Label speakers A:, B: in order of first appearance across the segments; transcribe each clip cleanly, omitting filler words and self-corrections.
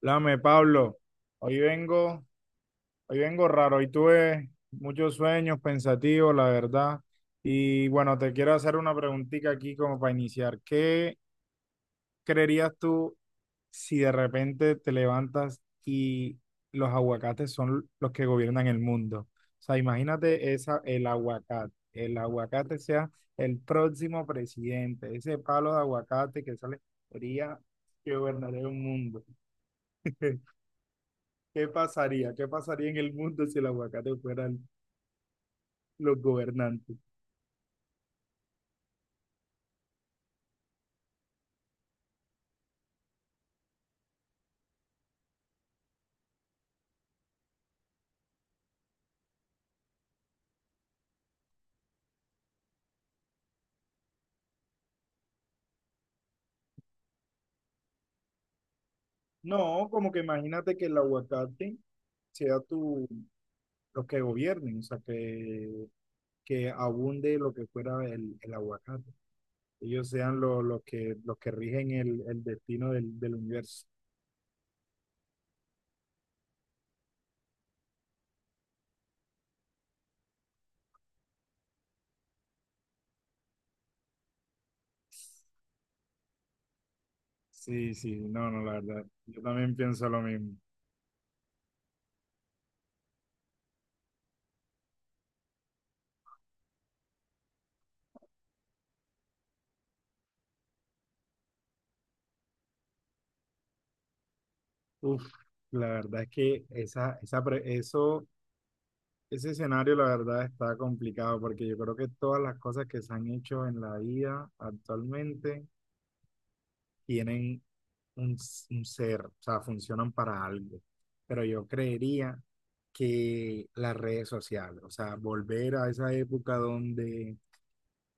A: Lame, Pablo, hoy vengo, hoy vengo raro, hoy tuve muchos sueños pensativos, la verdad. Y bueno, te quiero hacer una preguntita aquí como para iniciar. ¿Qué creerías tú si de repente te levantas y los aguacates son los que gobiernan el mundo? O sea, imagínate esa, el aguacate sea el próximo presidente, ese palo de aguacate que sale, sería que gobernaría un mundo. ¿Qué pasaría? ¿Qué pasaría en el mundo si el aguacate fueran los gobernantes? No, como que imagínate que el aguacate sea tu, los que gobiernen, o sea, que abunde lo que fuera el aguacate. Ellos sean los que rigen el destino del universo. Sí, sí, no, no, la verdad. Yo también pienso lo mismo. Uf, la verdad es que esa, eso... Ese escenario, la verdad, está complicado porque yo creo que todas las cosas que se han hecho en la IA actualmente tienen un, un ser, o sea, funcionan para algo. Pero yo creería que las redes sociales, o sea, volver a esa época donde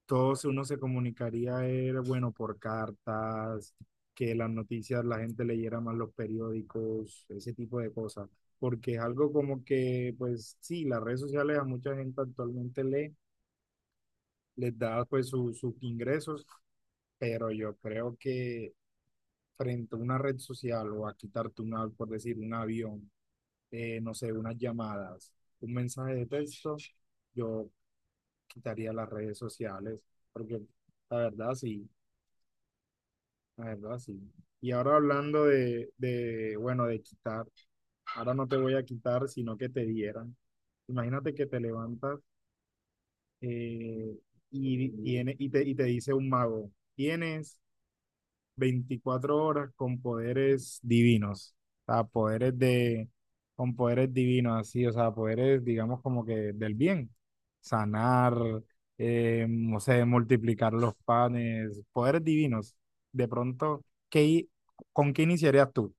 A: uno se comunicaría era, bueno, por cartas, que las noticias la gente leyera más los periódicos, ese tipo de cosas, porque es algo como que, pues sí, las redes sociales a mucha gente actualmente lee, les da pues sus ingresos, pero yo creo que frente a una red social o a quitarte una, por decir, un avión, no sé, unas llamadas, un mensaje de texto, yo quitaría las redes sociales, porque la verdad sí, la verdad sí. Y ahora hablando bueno, de quitar, ahora no te voy a quitar, sino que te dieran. Imagínate que te levantas eh, y, y te dice un mago, tienes 24 horas con poderes divinos, o sea, poderes de, con poderes divinos así, o sea, poderes, digamos, como que del bien, sanar, no sé, multiplicar los panes, poderes divinos. De pronto, ¿qué, i- ¿con qué iniciarías tú?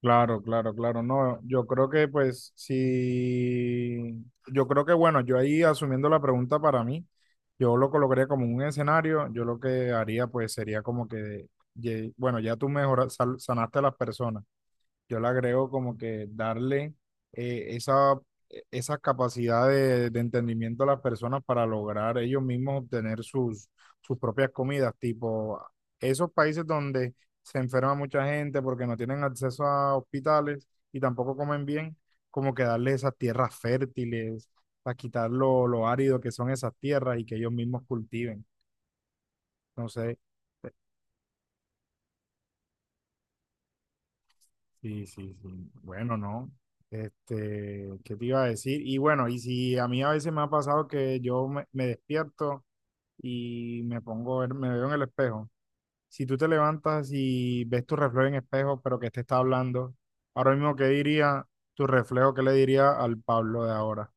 A: Claro, claro, claro. No, yo creo que pues sí. Yo creo que bueno, yo ahí asumiendo la pregunta para mí, yo lo colocaría como un escenario, yo lo que haría pues sería como que, bueno, ya tú mejoras, sanaste a las personas, yo le agrego como que darle eh, esa, esa capacidad de entendimiento a las personas para lograr ellos mismos obtener sus, sus propias comidas, tipo esos países donde se enferma mucha gente porque no tienen acceso a hospitales y tampoco comen bien, como que darle esas tierras fértiles, para quitar lo árido que son esas tierras y que ellos mismos cultiven. Entonces sí, sí, sí. Bueno, no. Este, ¿qué te iba a decir? Y bueno, y si a mí a veces me ha pasado que me despierto y me pongo, me veo en el espejo. Si tú te levantas y ves tu reflejo en espejo, pero que te está hablando, ahora mismo, ¿qué diría tu reflejo? ¿Qué le diría al Pablo de ahora?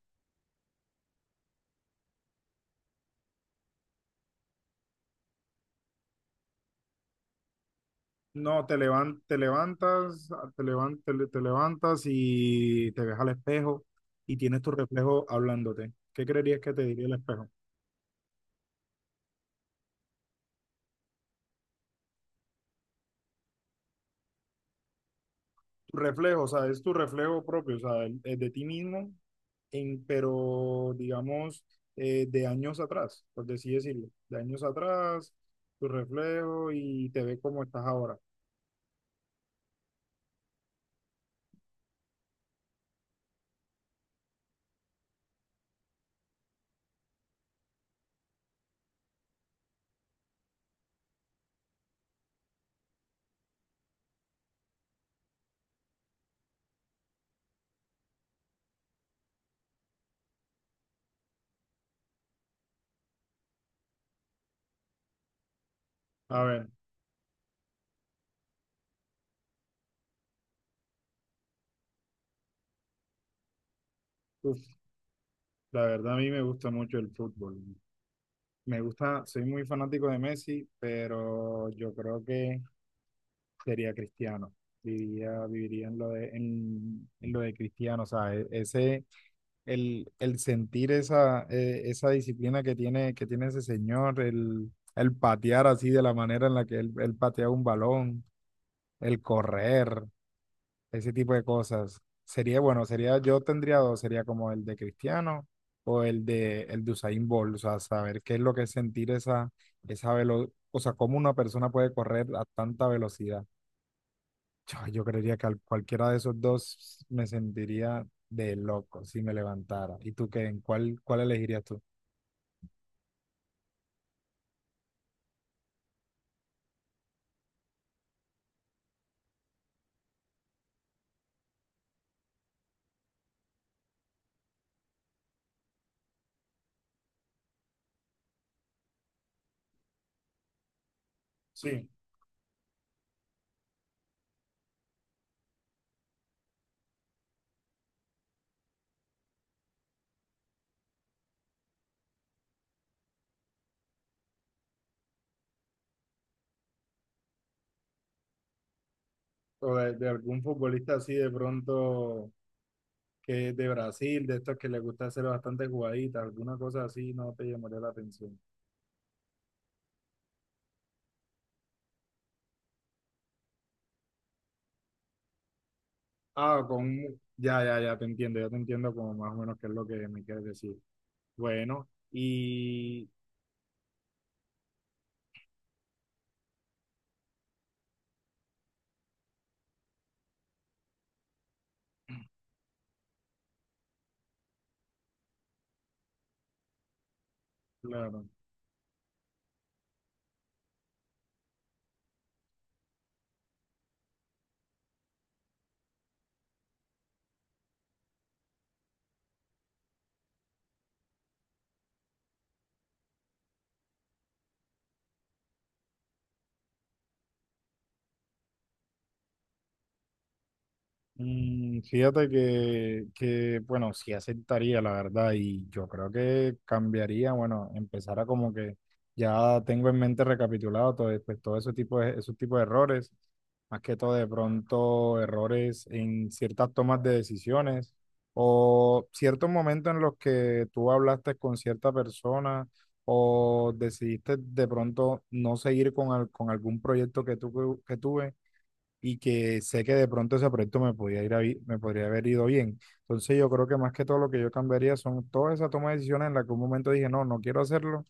A: No, te levantas, te levantas y te ves al espejo y tienes tu reflejo hablándote. ¿Qué creerías que te diría el espejo? Tu reflejo, o sea, es tu reflejo propio, o sea, el de ti mismo, en, pero digamos, de años atrás, por así decirlo, de años atrás, tu reflejo y te ve como estás ahora. A ver, uf, la verdad a mí me gusta mucho el fútbol. Me gusta, soy muy fanático de Messi, pero yo creo que sería Cristiano. Viviría en lo de Cristiano, o sea, ese el sentir esa, esa disciplina que tiene ese señor, el patear así de la manera en la que él patea un balón, el correr, ese tipo de cosas. Sería, bueno, sería, yo tendría dos, sería como el de Cristiano o el de Usain Bolt, o sea, saber qué es lo que es sentir esa, esa velocidad, o sea, cómo una persona puede correr a tanta velocidad. Yo creería que cualquiera de esos dos me sentiría de loco si me levantara. ¿Y tú qué? ¿En cuál, cuál elegirías tú? Sí, o de algún futbolista así de pronto que es de Brasil, de estos que les gusta hacer bastante jugaditas, alguna cosa así, no te llamaría la atención. Ah, ya, ya, ya te entiendo como más o menos qué es lo que me quieres decir. Bueno, y claro. Mm, fíjate que, bueno, sí aceptaría, la verdad, y yo creo que cambiaría, bueno, empezara como que ya tengo en mente recapitulado todo, pues, todo ese tipo de, esos tipos de errores, más que todo de pronto errores en ciertas tomas de decisiones o ciertos momentos en los que tú hablaste con cierta persona o decidiste de pronto no seguir con, con algún proyecto que, tú, que tuve y que sé que de pronto ese proyecto me podía ir a bi- me podría haber ido bien. Entonces yo creo que más que todo lo que yo cambiaría son todas esas tomas de decisiones en las que un momento dije, no, no quiero hacerlo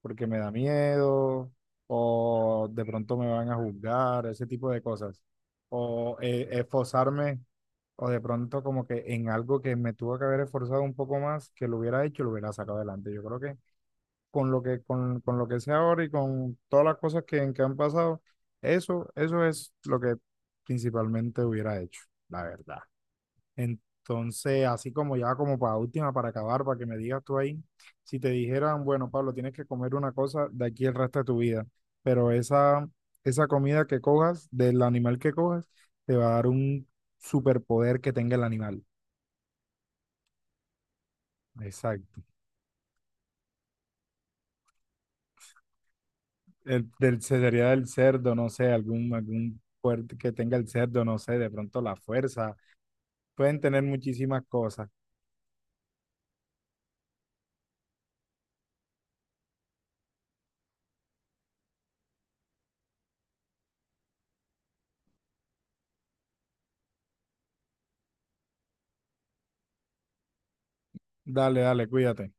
A: porque me da miedo o de pronto me van a juzgar, ese tipo de cosas. O esforzarme o de pronto como que en algo que me tuvo que haber esforzado un poco más, que lo hubiera hecho, lo hubiera sacado adelante. Yo creo que con con lo que sé ahora y con todas las cosas que han pasado, eso es lo que principalmente hubiera hecho, la verdad. Entonces, así como ya como para última, para acabar, para que me digas tú ahí, si te dijeran, bueno, Pablo, tienes que comer una cosa de aquí el resto de tu vida, pero esa comida que cojas, del animal que cojas, te va a dar un superpoder que tenga el animal. Exacto. Sería del cerdo, no sé, algún, algún fuerte que tenga el cerdo, no sé, de pronto la fuerza. Pueden tener muchísimas cosas. Dale, dale, cuídate.